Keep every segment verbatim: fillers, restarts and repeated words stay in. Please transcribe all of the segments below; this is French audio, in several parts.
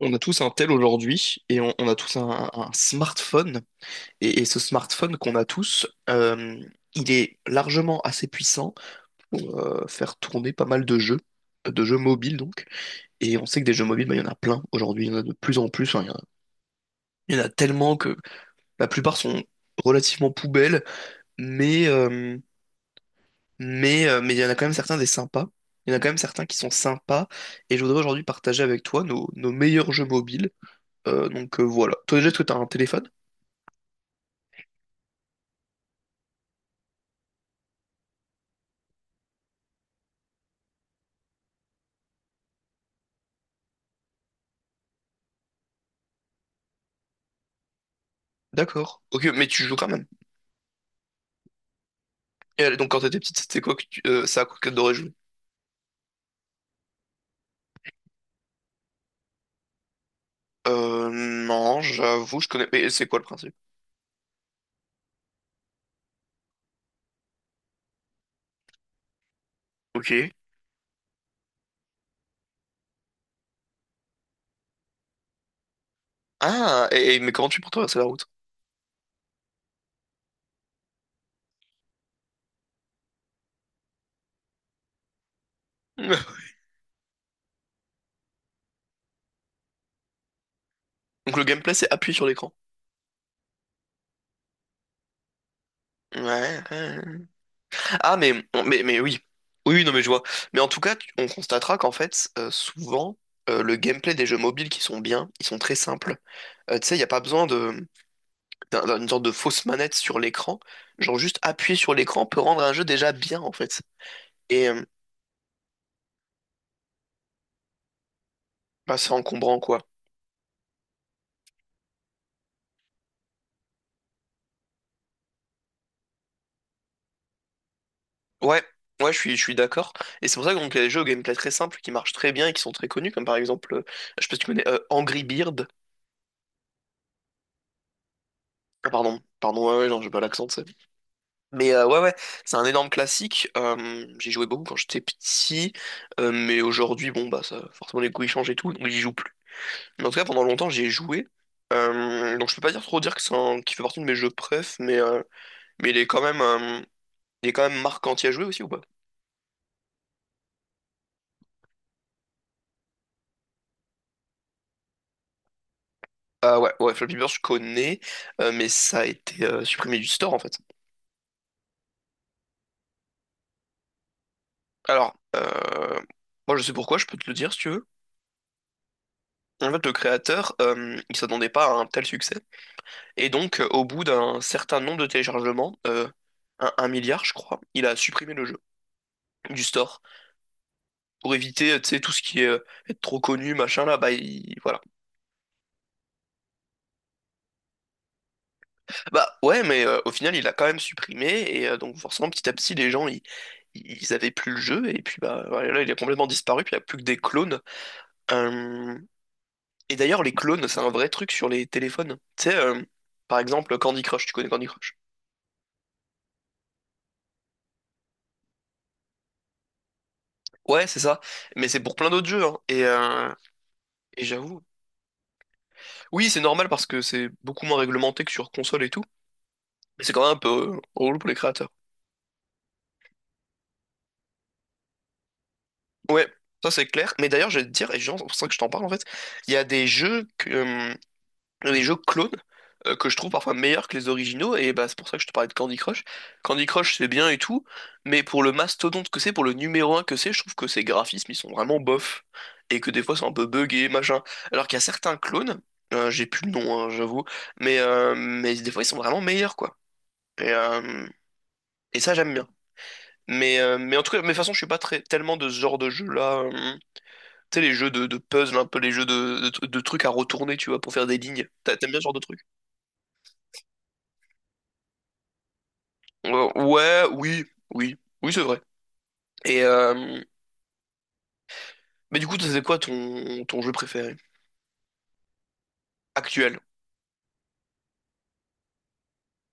On a tous un tel aujourd'hui et on, on a tous un, un smartphone. Et, et ce smartphone qu'on a tous, euh, il est largement assez puissant pour euh, faire tourner pas mal de jeux, de jeux mobiles donc. Et on sait que des jeux mobiles, bah, il y en a plein aujourd'hui, il y en a de plus en plus. Enfin, il y en a, il y en a tellement que la plupart sont relativement poubelles, mais, euh, mais, euh, mais il y en a quand même certains des sympas. Il y en a quand même certains qui sont sympas. Et je voudrais aujourd'hui partager avec toi nos, nos meilleurs jeux mobiles. Euh, donc euh, voilà. Toi déjà, est-ce que tu as un téléphone? D'accord. Ok, mais tu joues quand même. Et elle- donc quand t'étais petite, c'était quoi que tu... euh, c'est à quoi que t'adorais jouer? Euh, non, j'avoue, je connais. Mais c'est quoi le principe? Ok. Ah, et, et- mais comment tu fais pour traverser la route? Donc le gameplay, c'est appuyer sur l'écran. Ouais. Ouais. Ah, mais, mais, mais oui. Oui, oui, non, mais je vois. Mais en tout cas, tu- on constatera qu'en fait, euh, souvent, euh, le gameplay des jeux mobiles qui sont bien, ils sont très simples. Euh, tu sais, il n'y a pas besoin de, d'un- d'une sorte de fausse manette sur l'écran. Genre, juste appuyer sur l'écran peut rendre un jeu déjà bien, en fait. Bah, c'est encombrant, quoi. Ouais, ouais, je suis, je suis d'accord. Et c'est pour ça que donc, il y a des jeux au gameplay très simple qui marchent très bien et qui sont très connus, comme par exemple, euh, je sais pas si tu connais euh, Angry Bird. Ah, pardon, pardon, ouais, ouais, non, j'ai pas l'accent, tu sais. Mais euh, ouais, ouais, c'est un énorme classique. Euh, j'y jouais beaucoup quand j'étais petit, euh, mais aujourd'hui, bon, bah, ça, forcément, les goûts ils changent et tout, donc j'y joue plus. Mais en tout cas, pendant longtemps, j'y ai joué. Euh, donc je peux pas dire trop dire que c'est un- qu'il fait partie de mes jeux préf, mais, euh, mais il est quand même, euh, il est quand même marquant. Tu y à joué aussi ou pas? Ah ouais, ouais, Flappy Bird, je connais, euh, mais ça a été euh, supprimé du store en fait. Alors, euh, moi je sais pourquoi, je peux te le dire si tu veux. En fait, le créateur, euh, il s'attendait pas à un tel succès. Et donc, euh, au bout d'un certain nombre de téléchargements, euh, un, un milliard je crois, il a supprimé le jeu du store pour éviter, euh, tu sais, tout ce qui est euh, être trop connu, machin là, bah il- voilà. Bah ouais, mais euh, au final, il l'a quand même supprimé, et euh, donc forcément, petit à petit, les gens, ils, ils avaient plus le jeu, et puis bah voilà, là, il a complètement disparu, puis il n'y a plus que des clones. Euh, Et d'ailleurs, les clones, c'est un vrai truc sur les téléphones. Tu sais, euh, par exemple, Candy Crush, tu connais Candy Crush? Ouais, c'est ça. Mais c'est pour plein d'autres jeux, hein. Et, euh, et j'avoue. Oui, c'est normal parce que c'est beaucoup moins réglementé que sur console et tout. Mais c'est quand même un peu euh, relou pour les créateurs. Ouais, ça c'est clair. Mais d'ailleurs, je vais te dire, et genre, c'est pour ça que je t'en parle en fait, il y a des jeux Il y a des jeux clones euh, que je trouve parfois meilleurs que les originaux, et bah, c'est pour ça que je te parlais de Candy Crush. Candy Crush, c'est bien et tout, mais pour le mastodonte que c'est, pour le numéro un que c'est, je trouve que ces graphismes, ils sont vraiment bof, et que des fois, c'est un peu buggé, machin. Alors qu'il y a certains clones, euh, j'ai plus le nom, hein, j'avoue, mais, euh, mais des fois, ils sont vraiment meilleurs, quoi. Et, euh, et ça, j'aime bien. Mais, euh, mais en tout cas, mais de toute façon, je suis pas très, tellement de ce genre de jeu-là. euh, tu sais, les jeux de, de puzzle, un peu les jeux de, de, de trucs à retourner, tu vois, pour faire des lignes. T'a- T'aimes bien ce genre de truc? Euh, ouais, oui, oui, oui, c'est vrai. Et euh, mais du coup, c'est quoi ton, ton jeu préféré actuel?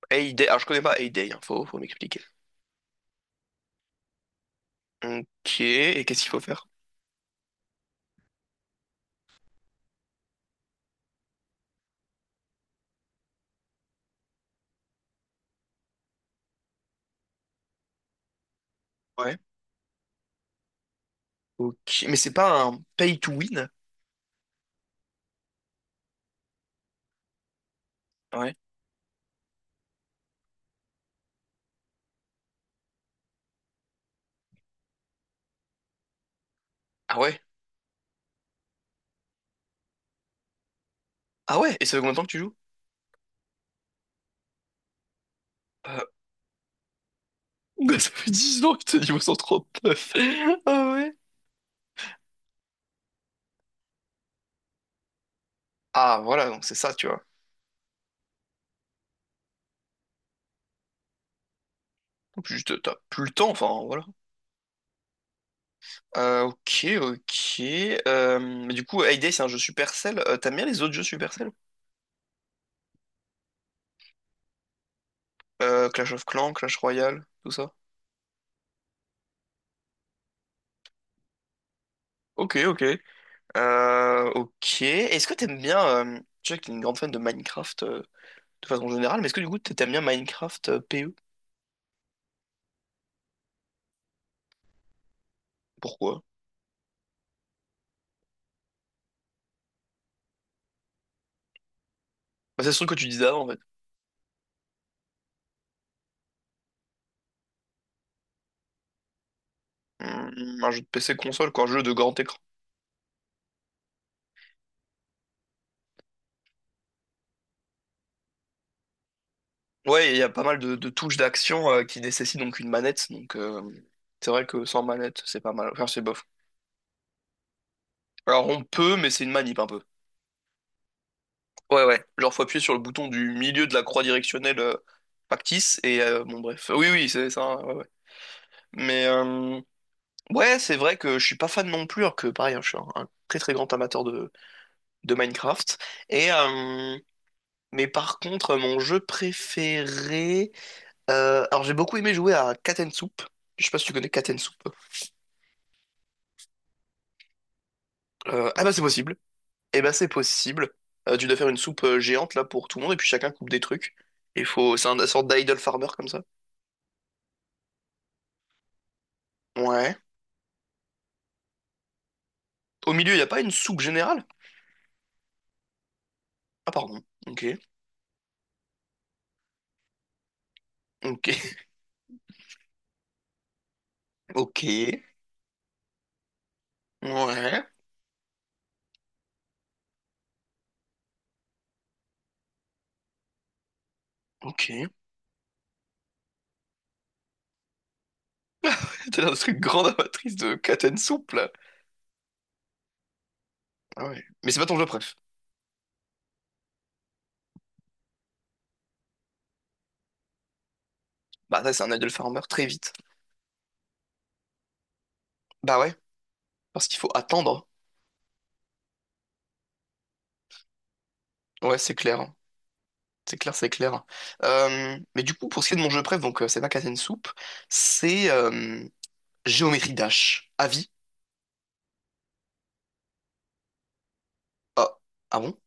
Heyday. Alors, je connais pas Heyday, hein, faut, faut m'expliquer. Ok, et qu'est-ce qu'il faut faire? Ouais. Ok, mais c'est pas un pay to win? Ouais. Ah ouais? Ah ouais? Et ça fait combien de temps que tu joues? Euh, Ça fait dix ans que t'es niveau cent trente-neuf. Ah ouais? Ah voilà, donc c'est ça, tu vois. En plus, juste, t'as plus le temps, enfin, voilà. Euh, ok, ok. Euh, mais du coup, Heyday, c'est un jeu Supercell. Euh, t'aimes bien les autres jeux Supercell? Euh, Clash of Clans, Clash Royale, tout ça. Ok, ok. Euh, ok. Est-ce que t'aimes bien... euh, je sais que t'es une grande fan de Minecraft euh, de façon générale, mais est-ce que du coup t'aimes bien Minecraft euh, P E? Pourquoi? Bah, c'est ce truc que tu disais avant, en fait. Hmm, un jeu de P C console, quoi, un jeu de grand écran. Ouais, il y a pas mal de, de touches d'action euh, qui nécessitent donc une manette, donc euh, c'est vrai que sans manette, c'est pas mal. Enfin, c'est bof. Alors on peut, mais c'est une manip un peu. Ouais, ouais. Genre, faut appuyer sur le bouton du milieu de la croix directionnelle euh, factice, et euh, bon, bref. Oui, oui, c'est ça, ouais, ouais. Mais, euh, ouais, c'est vrai que je suis pas fan non plus, alors que, pareil, hein, je suis un, un très très grand amateur de, de Minecraft. Et, euh, mais par contre, mon jeu préféré, euh, alors, j'ai beaucoup aimé jouer à Cat and Soup. Je sais pas si tu connais Cat and Soup. Euh, ah bah, c'est possible. Eh bah, c'est possible. Euh, tu dois faire une soupe euh, géante, là, pour tout le monde, et puis chacun coupe des trucs. Il faut. C'est un- une sorte d'idle farmer, comme ça. Ouais. Au milieu, il n'y a pas une soupe générale? Ah, pardon. Ok. Ok. Ok. Ouais. Ok. T'es dans ce truc grande amatrice de Katen soupe, là. Ah ouais. Mais c'est pas ton jeu préf. Bah, ça, c'est un idle farmer très vite. Bah ouais. Parce qu'il faut attendre. Ouais, c'est clair, hein. C'est clair, c'est clair. Euh, mais du coup, pour ce qui est de mon jeu préf, donc euh, c'est pas Katen soupe, c'est euh, Géométrie Dash. Avis? Ah. Ah bon?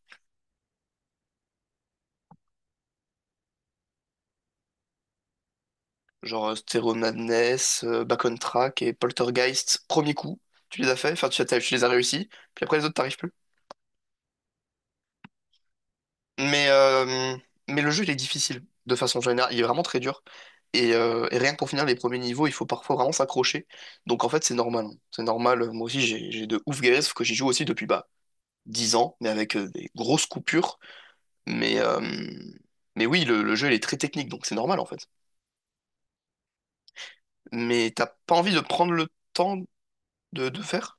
Genre euh, Stereo Madness, euh, Back on Track et Poltergeist, premier coup, tu les as fait, enfin tu, t'as- tu les as réussi, puis après les autres t'arrives plus. Mais, euh, mais le jeu il est difficile de façon générale, il est vraiment très dur. Et, euh, et rien que pour finir les premiers niveaux, il faut parfois vraiment s'accrocher. Donc en fait c'est normal, hein, c'est normal. Moi aussi j'ai j'ai de ouf galères, sauf que j'y joue aussi depuis bah, dix ans, mais avec euh, des grosses coupures. Mais, euh, mais oui, le, le jeu il est très technique, donc c'est normal en fait. Mais t'as pas envie de prendre le temps de, de faire?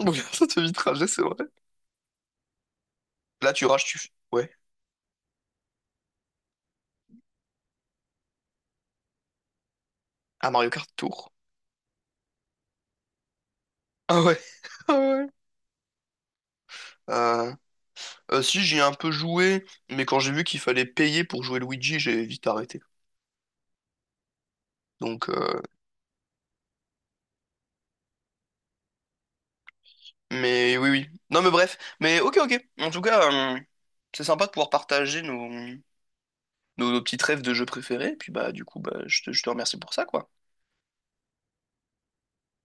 Bon, ça te vit trajet, c'est vrai. Là, tu rages, tu. Ouais. À Mario Kart Tour. Ah ouais. Ah ouais. Euh, euh, si, j'y ai un peu joué, mais quand j'ai vu qu'il fallait payer pour jouer Luigi, j'ai vite arrêté. Donc, euh, mais oui, oui. Non, mais bref. Mais ok, ok. En tout cas, euh, c'est sympa de pouvoir partager nos, nos, nos, petits rêves de jeux préférés. Puis bah, du coup, bah, je te, je te remercie pour ça, quoi.